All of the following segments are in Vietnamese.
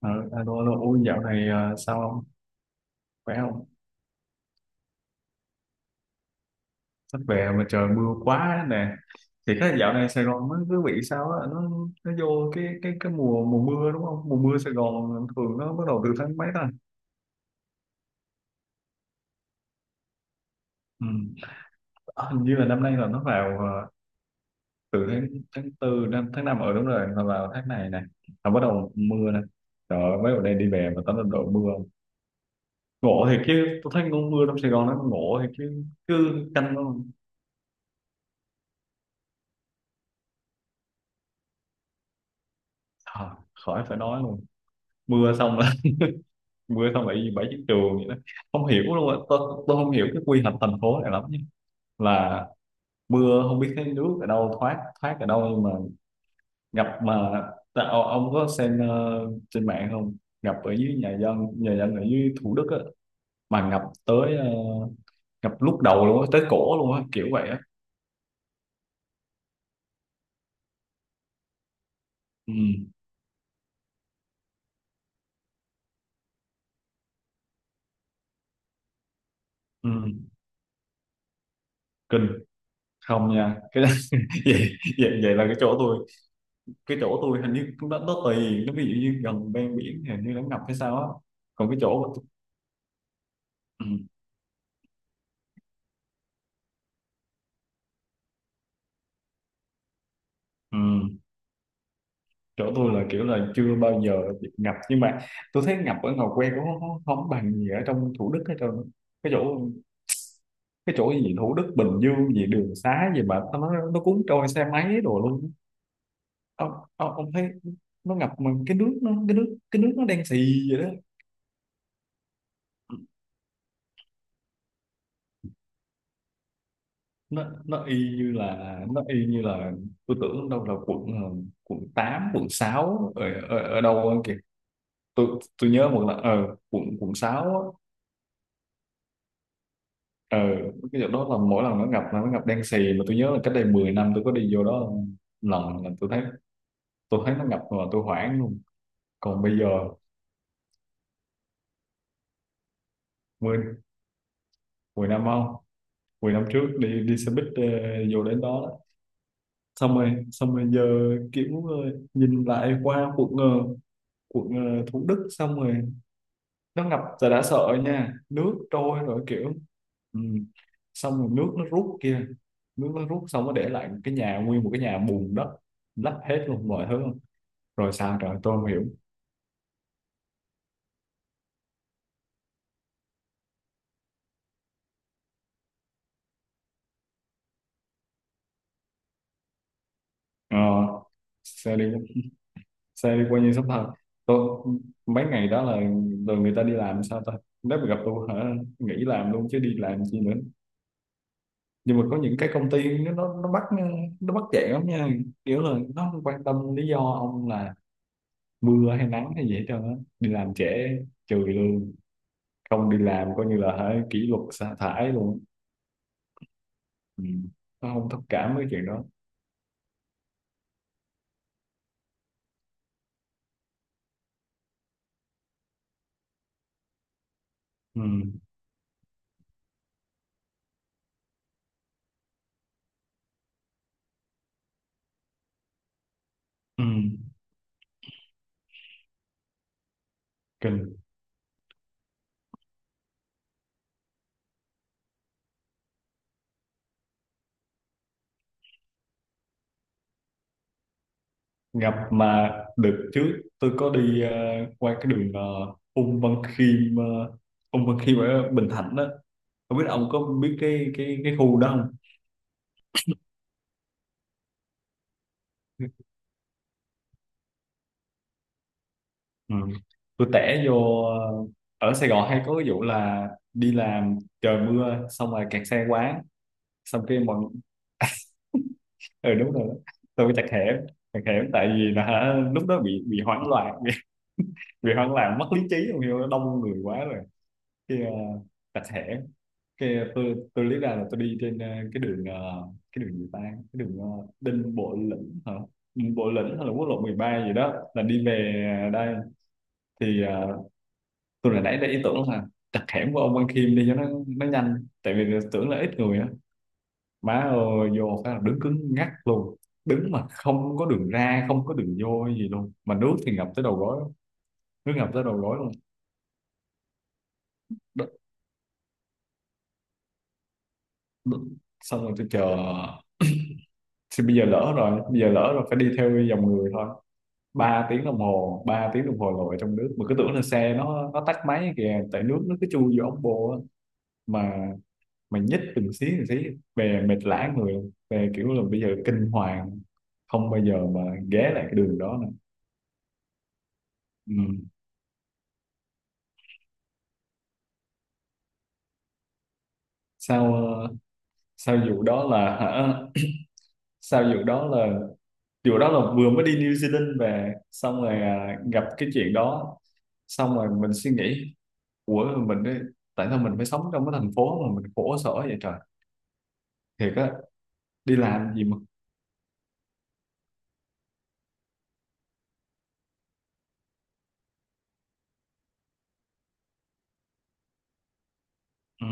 Ờ, alo, alo, ôi dạo này sao không? Khỏe không? Sắp về mà trời mưa quá nè. Thì cái dạo này Sài Gòn nó cứ bị sao á, nó vô cái mùa mùa mưa đúng không? Mùa mưa Sài Gòn thường nó bắt đầu từ tháng mấy ta? Ừ. Ờ, Hình như là năm nay là nó vào, từ tháng tháng tư, năm, tháng 5 ở đúng rồi, là vào tháng này này. Là bắt đầu mưa nè. Trời ơi, mấy hôm nay đi về mà tắm lên đội mưa. Ngộ thiệt chứ, tôi thấy con mưa trong Sài Gòn nó ngộ thiệt chứ, cứ canh nó. À, khỏi phải nói luôn. Mưa xong là mưa xong bảy bảy chiếc trường vậy đó, không hiểu luôn á tôi không hiểu cái quy hoạch thành phố này lắm nha, là mưa không biết cái nước ở đâu, thoát thoát ở đâu, nhưng mà ngập mà. Ta, ông có xem trên mạng không, ngập ở dưới nhà dân, nhà dân ở dưới Thủ Đức á, mà ngập lúc đầu luôn á, tới cổ luôn á kiểu vậy á. Ừ, ừ, kinh không nha cái đó. vậy, vậy vậy là cái chỗ tôi hình như nó tùy, nó ví dụ như gần ven biển thì hình như nó ngập hay sao á, còn cái chỗ. Ừ, ừ. Chỗ tôi là kiểu là chưa bao giờ bị ngập, nhưng mà tôi thấy ngập ở Ngò Quê cũng không bằng gì ở trong Thủ Đức hết trơn. cái chỗ cái chỗ gì, Thủ Đức, Bình Dương gì đường xá gì mà nó cuốn trôi xe máy đồ luôn. Ông thấy nó ngập mà cái nước nó đen xì vậy đó. Nó y như là tôi tưởng đâu là quận, quận 8, quận 6 ở, ở đâu kìa. tôi tôi nhớ một là, quận quận 6 á. Ừ. Cái chỗ đó là mỗi lần nó ngập là nó ngập đen xì, mà tôi nhớ là cách đây 10 năm tôi có đi vô đó lần là tôi thấy nó ngập mà tôi hoảng luôn. Còn bây giờ 10 10 năm không, 10 năm trước đi đi xe buýt, vô đến đó, đó. Xong rồi giờ kiểu, nhìn lại qua quận, Thủ Đức, xong rồi nó ngập rồi đã sợ nha, nước trôi rồi kiểu. Ừ. Xong rồi nước nó rút kia, nước nó rút xong nó để lại cái nhà, nguyên một cái nhà bùn đất lấp hết luôn mọi thứ, rồi sao rồi tôi không hiểu. ờ, xe đi Xe đi qua như sắp thật. Tôi mấy ngày đó là rồi người ta đi làm sao ta, nếu mà gặp tôi hả nghỉ làm luôn chứ đi làm chi nữa. Nhưng mà có những cái công ty nó bắt chẹn lắm nha, kiểu là nó không quan tâm lý do ông là mưa hay nắng hay gì hết trơn á, đi làm trễ trừ lương, không đi làm coi như là hả kỷ luật sa thải luôn. Ừ. Nó không thông cảm với chuyện đó. Ừ. Ừ. Kinh. Gặp mà được trước tôi có đi, qua cái đường, Ung Văn Khiêm ờ, Ung Văn Khiêm ở Bình Thạnh đó, không biết ông có biết cái khu đó không. Ừ. Tôi tẻ vô, ở Sài Gòn hay có cái vụ là đi làm trời mưa xong rồi kẹt xe quá, xong cái mọi. Ừ đúng rồi đó. Tôi mới chặt hẻm, chặt hẻm tại vì là hả, lúc đó bị hoảng loạn bị hoảng loạn mất lý trí không hiểu, đông người quá rồi cái, uh, chặt hẻm, cái tôi lý ra là tôi đi trên, cái đường, cái đường gì ta, cái đường, Đinh Bộ Lĩnh hả, Ừ, Bộ Lĩnh hay là quốc lộ 13 gì đó là đi về, đây. Thì, tôi là nãy đã ý tưởng là chặt hẻm của ông Văn Khiêm đi cho nó nhanh tại vì tưởng là ít người á, má ơi vô phải là đứng cứng ngắc luôn, đứng mà không có đường ra không có đường vô gì luôn, mà nước thì ngập tới đầu gối, nước ngập tới đầu gối luôn. Đất- Đất. Xong rồi tôi chờ, thì bây giờ lỡ rồi, bây giờ lỡ rồi phải đi theo dòng người thôi, 3 tiếng đồng hồ, 3 tiếng đồng hồ lội trong nước mà cứ tưởng là xe nó tắt máy kìa tại nước nó cứ chui vô ống bô á, mà mà nhích từng xí từng xí, về mệt lả người luôn. Về kiểu là bây giờ kinh hoàng không bao giờ mà ghé lại cái đường đó nữa. Ừ. sao ờ, sao vụ đó là hả sao vụ đó là vừa mới đi New Zealand về, xong rồi à, gặp cái chuyện đó, xong rồi mình suy nghĩ, ủa mình ấy, tại sao mình phải sống trong cái thành phố mà mình khổ sở vậy trời, thiệt á, đi làm gì mà. Ừ.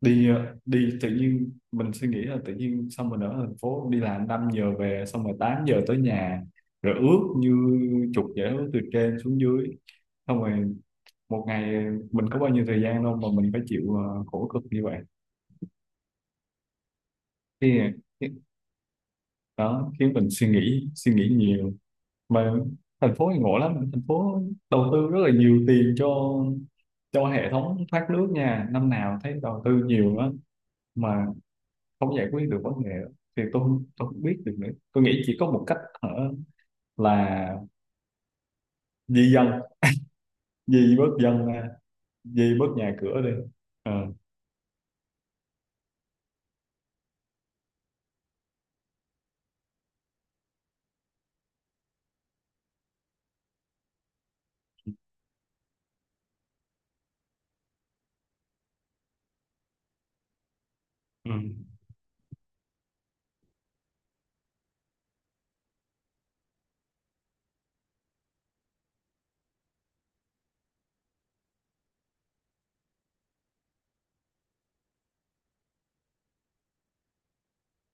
Đi tự nhiên mình suy nghĩ là tự nhiên, xong mình ở thành phố đi làm 5 giờ về xong rồi 8 giờ tới nhà, rồi ướt như chuột dễ từ trên xuống dưới, xong rồi một ngày mình có bao nhiêu thời gian đâu mà mình phải chịu, khổ cực như vậy. thì thì- Đó khiến mình suy nghĩ nhiều, mà thành phố thì ngộ lắm, thành phố đầu tư rất là nhiều tiền cho, hệ thống thoát nước nha, năm nào thấy đầu tư nhiều lắm mà không giải quyết được vấn đề đó. Thì tôi không biết được nữa, tôi nghĩ chỉ có một cách ở là di dân, di bớt dân ra, di bớt nhà cửa đi. Ờ, ừ,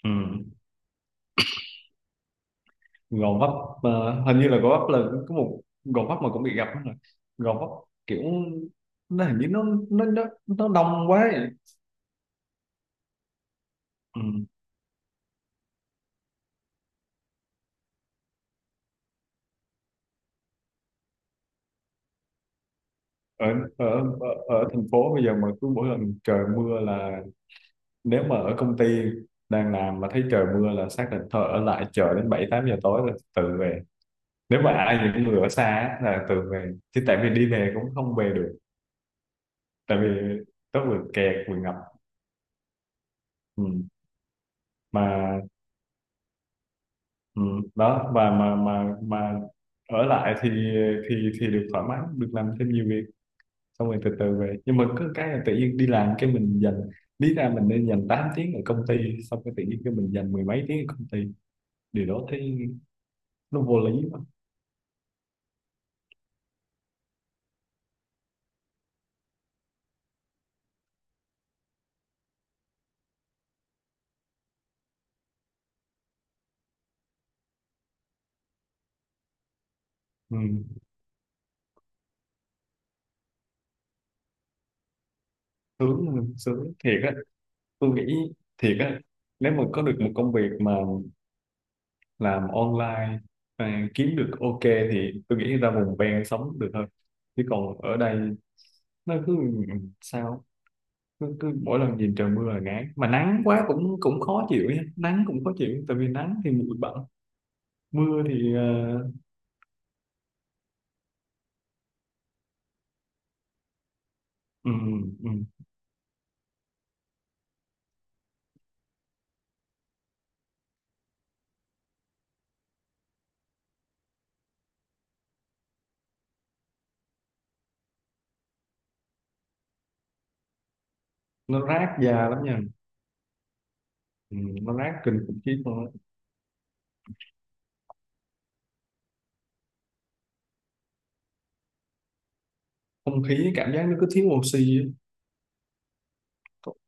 ừ. Gò Vấp, hình như là Gò Vấp là có một Gò Vấp mà cũng bị gặp đó rồi, Gò Vấp kiểu nó hình như nó đông quá ấy. Ừ. ở, ở ở Ở thành phố bây giờ mà cứ mỗi lần trời mưa là nếu mà ở công ty đang làm mà thấy trời mưa là xác định thôi, ở lại chờ đến bảy tám giờ tối rồi tự về, nếu mà ai những người ở xa á, là tự về, chứ tại vì đi về cũng không về được tại vì nó vừa kẹt vừa ngập. Ừ. Mà ừ. Đó và mà ở lại thì được thoải mái, được làm thêm nhiều việc, xong rồi từ từ về, nhưng mà cứ cái là tự nhiên đi làm cái mình dành, lý ra mình nên dành 8 tiếng ở công ty, xong cái tự nhiên cái mình dành mười mấy tiếng ở công ty, điều đó thấy nó vô lý quá. Ừ. sướng Sướng thiệt á, tôi nghĩ thiệt á, nếu mà có được một công việc mà làm online, à, kiếm được ok thì tôi nghĩ ra vùng ven sống được hơn, chứ còn ở đây nó cứ sao, cứ mỗi lần nhìn trời mưa là ngán, mà nắng quá cũng cũng khó chịu nhé, nắng cũng khó chịu tại vì nắng thì bụi bặm, mưa thì ừm, ừm, nó rát da lắm nha. Nó rát kinh khủng khiếp luôn á. Không khí cảm giác nó cứ thiếu oxy á.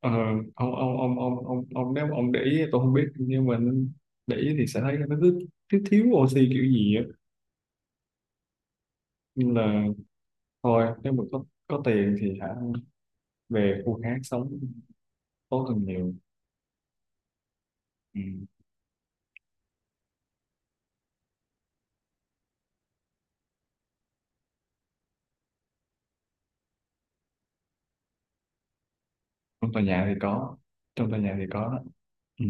Ờ, ông nếu mà ông để ý, tôi không biết, nhưng mà để ý thì sẽ thấy là nó cứ thiếu thiếu oxy kiểu gì á. Nhưng là thôi nếu mà có tiền thì hả về khu khác sống tốt hơn nhiều. Ừ. Trong tòa nhà thì có, trong tòa nhà thì có đó. Ừ.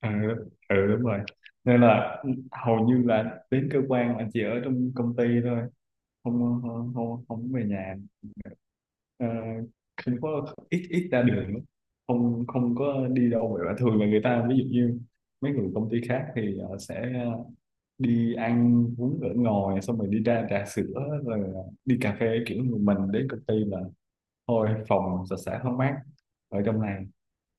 Ừ, ừ đúng rồi, nên là hầu như là đến cơ quan là chỉ ở trong công ty thôi, không về nhà. Ờ, không có ít ít ra đường lắm, không không có đi đâu. Vậy thường là người ta ví dụ như mấy người công ty khác thì họ sẽ đi ăn uống ở ngoài xong rồi đi ra trà sữa rồi, đi cà phê, kiểu người mình đến công ty là thôi phòng sạch sẽ thoáng mát ở trong này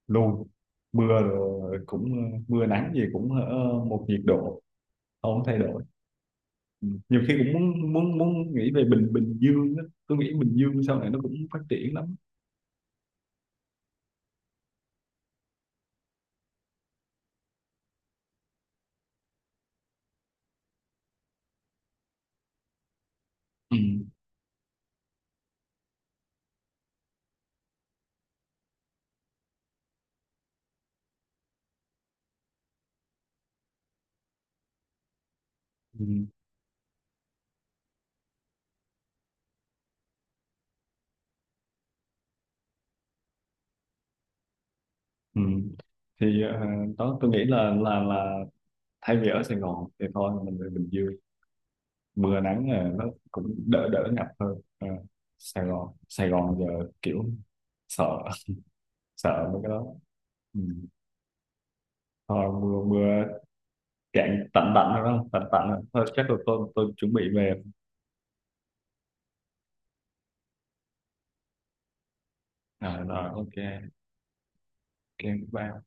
luôn, mưa rồi, cũng, mưa nắng gì cũng ở một nhiệt độ không thay đổi. Ừ. Nhiều khi cũng muốn muốn muốn nghĩ về, Bình Bình Dương á, tôi nghĩ Bình Dương sau này nó cũng phát triển lắm. Ừ. Ừ. Ừ. Thì, đó tôi nghĩ là thay vì ở Sài Gòn thì thôi mình về Bình Dương, mưa nắng là nó cũng đỡ đỡ ngập hơn. Ờ, Sài Gòn, Sài Gòn giờ kiểu sợ, sợ mấy cái đó. Ừ. Thôi mưa mưa cạn tạnh, tạnh rồi đó, tạnh tạnh rồi. Thôi chắc là tôi chuẩn bị về. À, rồi ok. Ok bye.